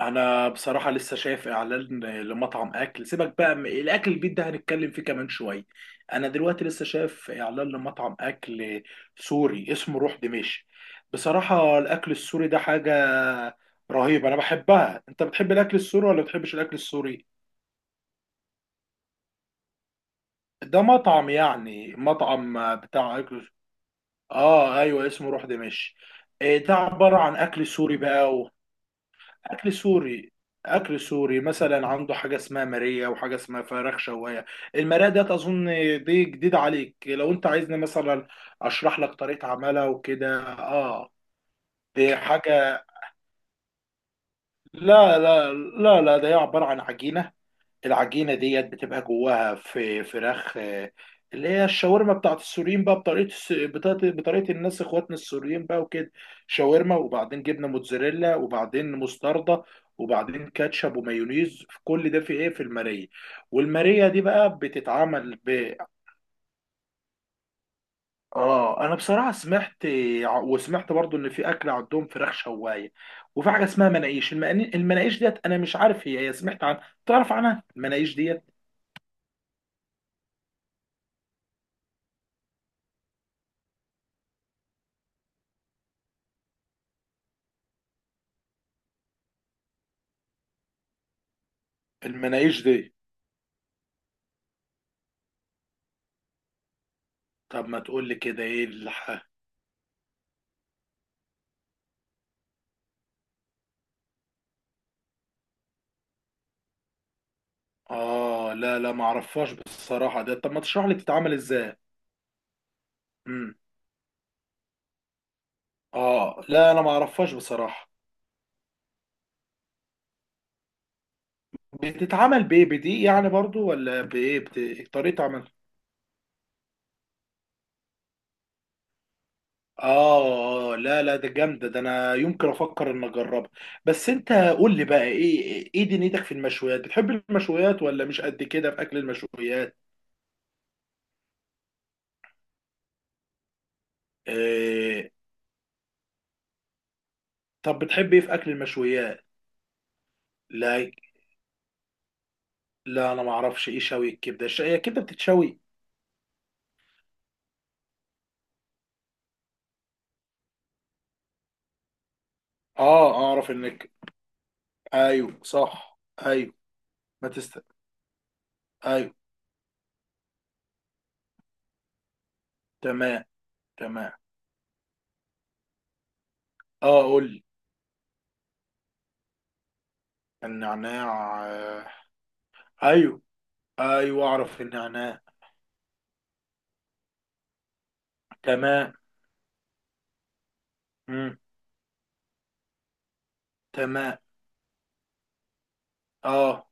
انا بصراحه لسه شايف اعلان لمطعم اكل. سيبك بقى الاكل البيت ده هنتكلم فيه كمان شويه. انا دلوقتي لسه شايف اعلان لمطعم اكل سوري اسمه روح دمشق. بصراحه الاكل السوري ده حاجه رهيبه انا بحبها. انت بتحب الاكل السوري ولا بتحبش الاكل السوري؟ ده مطعم، يعني مطعم بتاع اكل. اه ايوه، اسمه روح دمشق. إيه ده؟ عباره عن اكل سوري بقى. اكل سوري اكل سوري مثلا، عنده حاجه اسمها ماريه وحاجه اسمها فراخ شوايه. الماريه ده اظن دي جديده عليك، لو انت عايزني مثلا اشرح لك طريقه عملها وكده دي حاجه. لا لا لا لا، ده هي عباره عن عجينه. العجينه ديت بتبقى جواها في فراخ، اللي هي الشاورما بتاعت السوريين بقى، بطريقه بطريقة الناس اخواتنا السوريين بقى وكده. شاورما وبعدين جبنه موتزاريلا وبعدين مستردة وبعدين كاتشب ومايونيز. في كل ده، في ايه؟ في الماريه. والماريه دي بقى بتتعمل ب. اه انا بصراحه سمعت برضو ان في اكل عندهم فراخ شوايه، وفي حاجه اسمها مناقيش. المناقيش المناقيش ديت انا مش عارف. هي سمعت عن، تعرف عنها المناقيش ديت؟ المناقيش دي. طب ما تقول لي كده، ايه الح... اه لا لا ما اعرفهاش بصراحه ده. طب ما تشرح لي بتتعمل ازاي؟ امم اه لا انا ما اعرفهاش بصراحه. بتتعمل بايه بدي يعني برضو، ولا بايه بت... طريقه عمل. اه لا لا ده جامده ده، انا يمكن افكر ان اجربها. بس انت قول لي بقى، ايه دنيتك في المشويات؟ بتحب المشويات ولا مش قد كده في اكل المشويات؟ إيه... طب بتحب ايه في اكل المشويات؟ لا لا، انا ما اعرفش ايه شوي الكبده. هي الكبده بتتشوي؟ اه اعرف انك، ايوه صح، ايوه. ما تست. ايوه. تمام تمام. اه قول لي. النعناع، ايوه ايوه اعرف النعناع. تمام. امم تمام. اه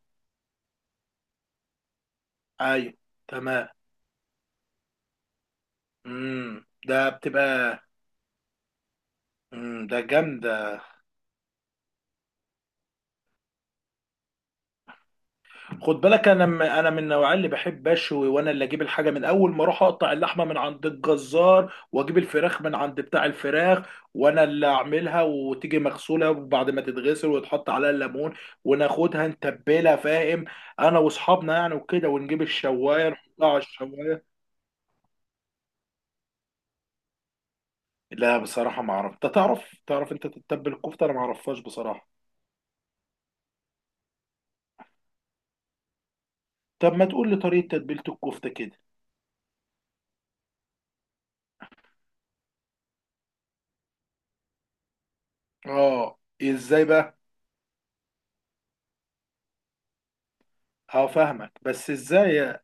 ايوه تمام. ده بتبقى. ده جامدة. خد بالك، انا انا من النوعيه اللي بحب اشوي، وانا اللي اجيب الحاجه. من اول ما اروح اقطع اللحمه من عند الجزار واجيب الفراخ من عند بتاع الفراخ، وانا اللي اعملها، وتيجي مغسوله وبعد ما تتغسل ويتحط عليها الليمون وناخدها نتبلها، فاهم؟ انا واصحابنا يعني وكده، ونجيب الشوايه نحطها على الشوايه. لا بصراحه ما اعرف. انت تعرف، انت تتبل الكفته؟ انا ما اعرفهاش بصراحه. طب ما تقول لي طريقه تتبيله الكفته كده. اه ازاي بقى؟ هفهمك بس ازاي.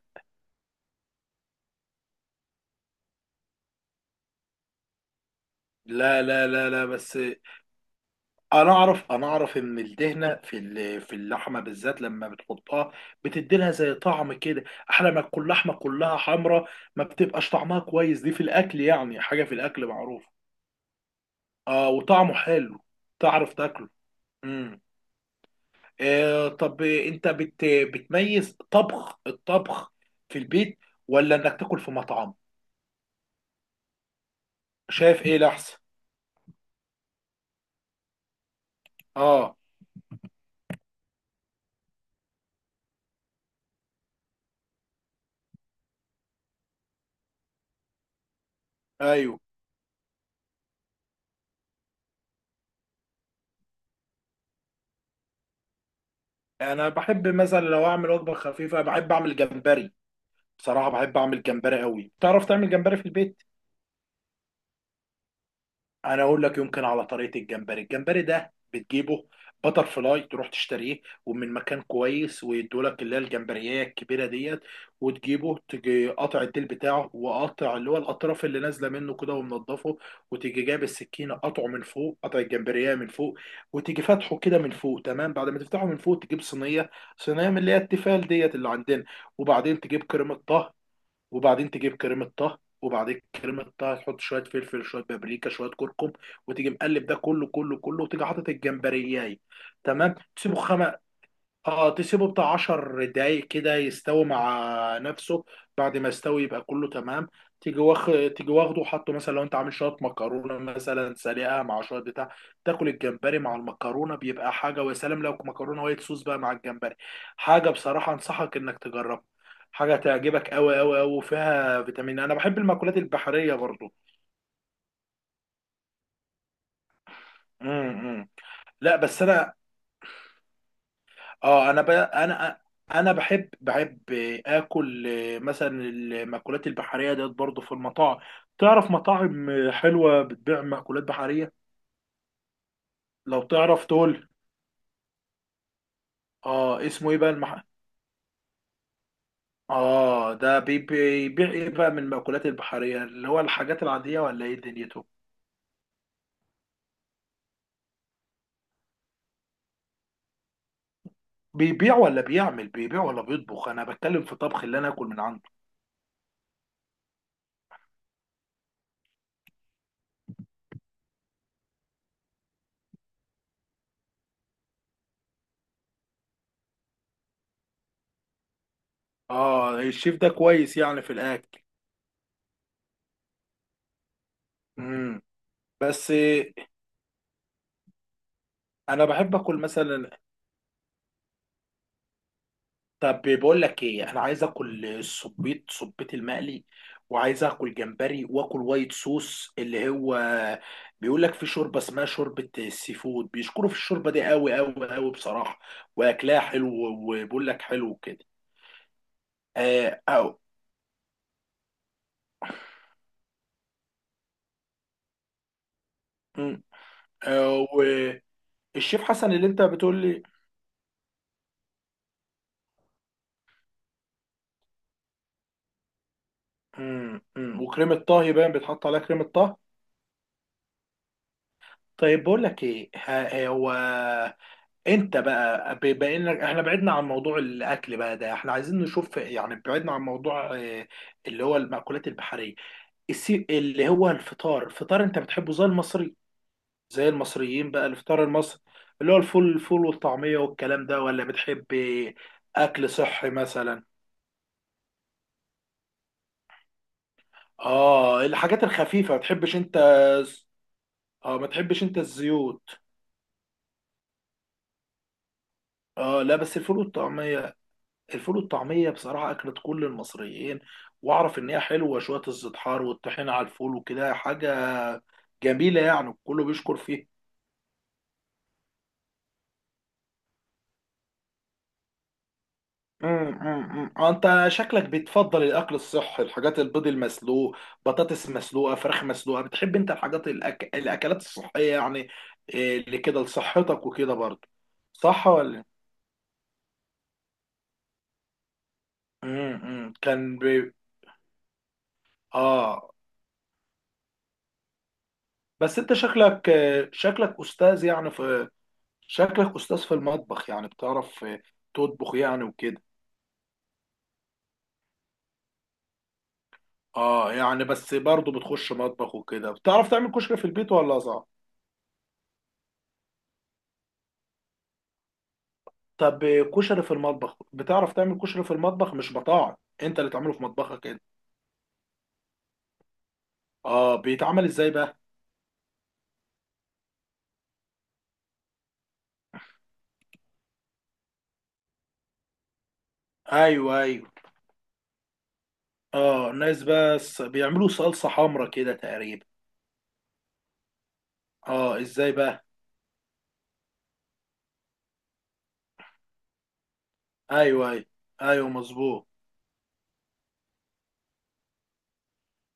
لا لا لا لا، بس انا اعرف، اعرف ان الدهنه في اللحمه بالذات لما بتحطها بتدي لها زي طعم كده. احلى ما تكون لحمه كلها حمراء ما بتبقاش طعمها كويس، دي في الاكل يعني حاجه في الاكل معروفه. اه وطعمه حلو. تعرف تاكله. امم طب انت بتميز طبخ، الطبخ في البيت ولا انك تاكل في مطعم؟ شايف ايه الاحسن؟ اه ايوه، انا بحب مثلا لو اعمل وجبه خفيفه بحب اعمل جمبري. بصراحة بحب أعمل جمبري قوي. تعرف تعمل جمبري في البيت؟ أنا أقول لك يمكن على طريقة الجمبري. الجمبري ده بتجيبه بتر فلاي، تروح تشتريه ومن مكان كويس ويدولك اللي هي الجمبرية الكبيرة ديت. وتجيبه تجي قاطع الديل بتاعه وقاطع اللي هو الأطراف اللي نازلة منه كده ومنضفه، وتيجي جايب السكينة قاطعه من فوق، قاطع الجمبرية من فوق، وتيجي فاتحه كده من فوق. تمام، بعد ما تفتحه من فوق تجيب صينية، صينية من اللي هي التيفال ديت اللي عندنا، وبعدين تجيب كريمة طهي. وبعدين تجيب كريمه طه، وبعدين كريمه طه تحط شويه فلفل شويه بابريكا شويه كركم، وتيجي مقلب ده كله كله كله، وتيجي حاطط الجمبرياي. تمام، تسيبه خم... اه تسيبه بتاع 10 دقايق كده يستوي مع نفسه. بعد ما يستوي يبقى كله تمام. تيجي واخ، تيجي واخده وحطه. مثلا لو انت عامل شويه مكرونه، مثلا سلقه مع شويه بتاع، تاكل الجمبري مع المكرونه بيبقى حاجه. ويا سلام لو مكرونه وايت صوص بقى مع الجمبري، حاجه بصراحه انصحك انك تجربها. حاجه تعجبك قوي قوي قوي، وفيها فيتامين. انا بحب المأكولات البحريه برضو. امم. امم. لا بس انا. اه انا ب... انا انا بحب اكل مثلا المأكولات البحريه ديت برضه في المطاعم. تعرف مطاعم حلوه بتبيع مأكولات بحريه. لو تعرف تقول. اه اسمه ايه بقى المح... اه ده بيبيع ايه بقى من المأكولات البحريه؟ اللي هو الحاجات العاديه ولا ايه دنيته؟ بيبيع ولا بيعمل، بيبيع ولا بيطبخ؟ انا بتكلم في طبخ، اللي انا اكل من عنده. اه الشيف ده كويس يعني في الاكل؟ امم بس انا بحب اكل مثلا. طب بقول لك ايه، انا عايز اكل الصبيط، صبيط المقلي، وعايز اكل جمبري واكل وايت صوص. اللي هو بيقول لك في شوربه اسمها شوربه السي فود، بيشكروا في الشوربه دي قوي قوي قوي بصراحه، واكلها حلو. وبيقول لك حلو كده. آه او مم، آه والشيف حسن اللي انت بتقول لي. مم، مم، وكريمه طهي باين بيتحط عليها كريمه طهي. طيب بقول لك ايه، هو انت بقى، بقينا احنا بعدنا عن موضوع الاكل بقى، ده احنا عايزين نشوف، يعني بعدنا عن موضوع، اللي هو المأكولات البحرية. السي... اللي هو الفطار. الفطار انت بتحبه زي المصري، زي المصريين بقى الفطار المصري، اللي هو الفول؟ الفول والطعمية والكلام ده، ولا بتحب اكل صحي مثلا؟ اه الحاجات الخفيفة ما تحبش انت؟ اه ما تحبش انت الزيوت؟ اه لا، بس الفول والطعمية، الفول والطعمية بصراحة أكلة كل المصريين. وأعرف إن هي حلوة شوية، الزيتحار والطحينة على الفول وكده حاجة جميلة، يعني كله بيشكر فيها. أمم، أمم، أمم. آه، أنت شكلك بتفضل الأكل الصحي، الحاجات البيض المسلوق، بطاطس مسلوقة، فراخ مسلوقة. بتحب أنت الحاجات الأك... الأكلات الصحية، يعني اللي كده لصحتك وكده برضه؟ صح ولا؟ أمم، أمم. كان بي... آه بس أنت شكلك، شكلك أستاذ يعني في، شكلك استاذ في المطبخ، يعني بتعرف، تطبخ يعني وكده. اه يعني بس برضه بتخش مطبخ وكده، بتعرف تعمل كشري في البيت ولا صعب؟ طب، كشري في المطبخ، بتعرف تعمل كشري في المطبخ مش بطاعة، انت اللي تعمله في مطبخك انت؟ اه بيتعمل ازاي بقى؟ ايوه ايوه. اه ناس بس بيعملوا صلصة حمرا كده تقريبا. اه ازاي بقى؟ ايوه ايوه. ايوه مظبوط.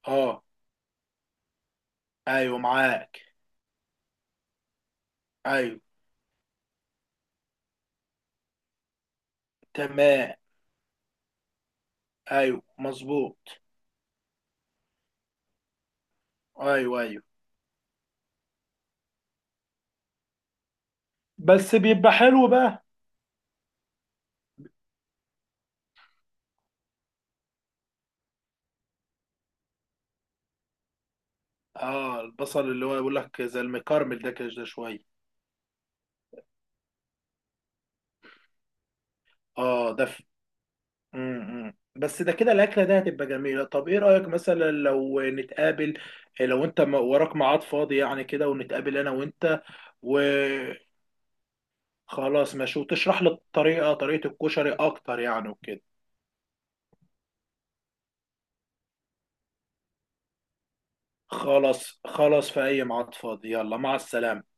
اه ايوه معاك. ايوه تمام. ايوه مظبوط. ايوه ايوه. بس بيبقى حلو بقى. اه البصل اللي هو يقول لك زي المكرمل ده كده، ده شويه. اه ده ف... م -م. بس ده كده الاكله ده هتبقى جميله. طب ايه رايك مثلا لو نتقابل، لو انت وراك ميعاد فاضي يعني كده، ونتقابل انا وانت؟ وخلاص. ماشي، وتشرح لي الطريقه، طريقه الكشري اكتر يعني وكده. خلاص خلاص، في اي ميعاد فاضي. يلا مع السلامه.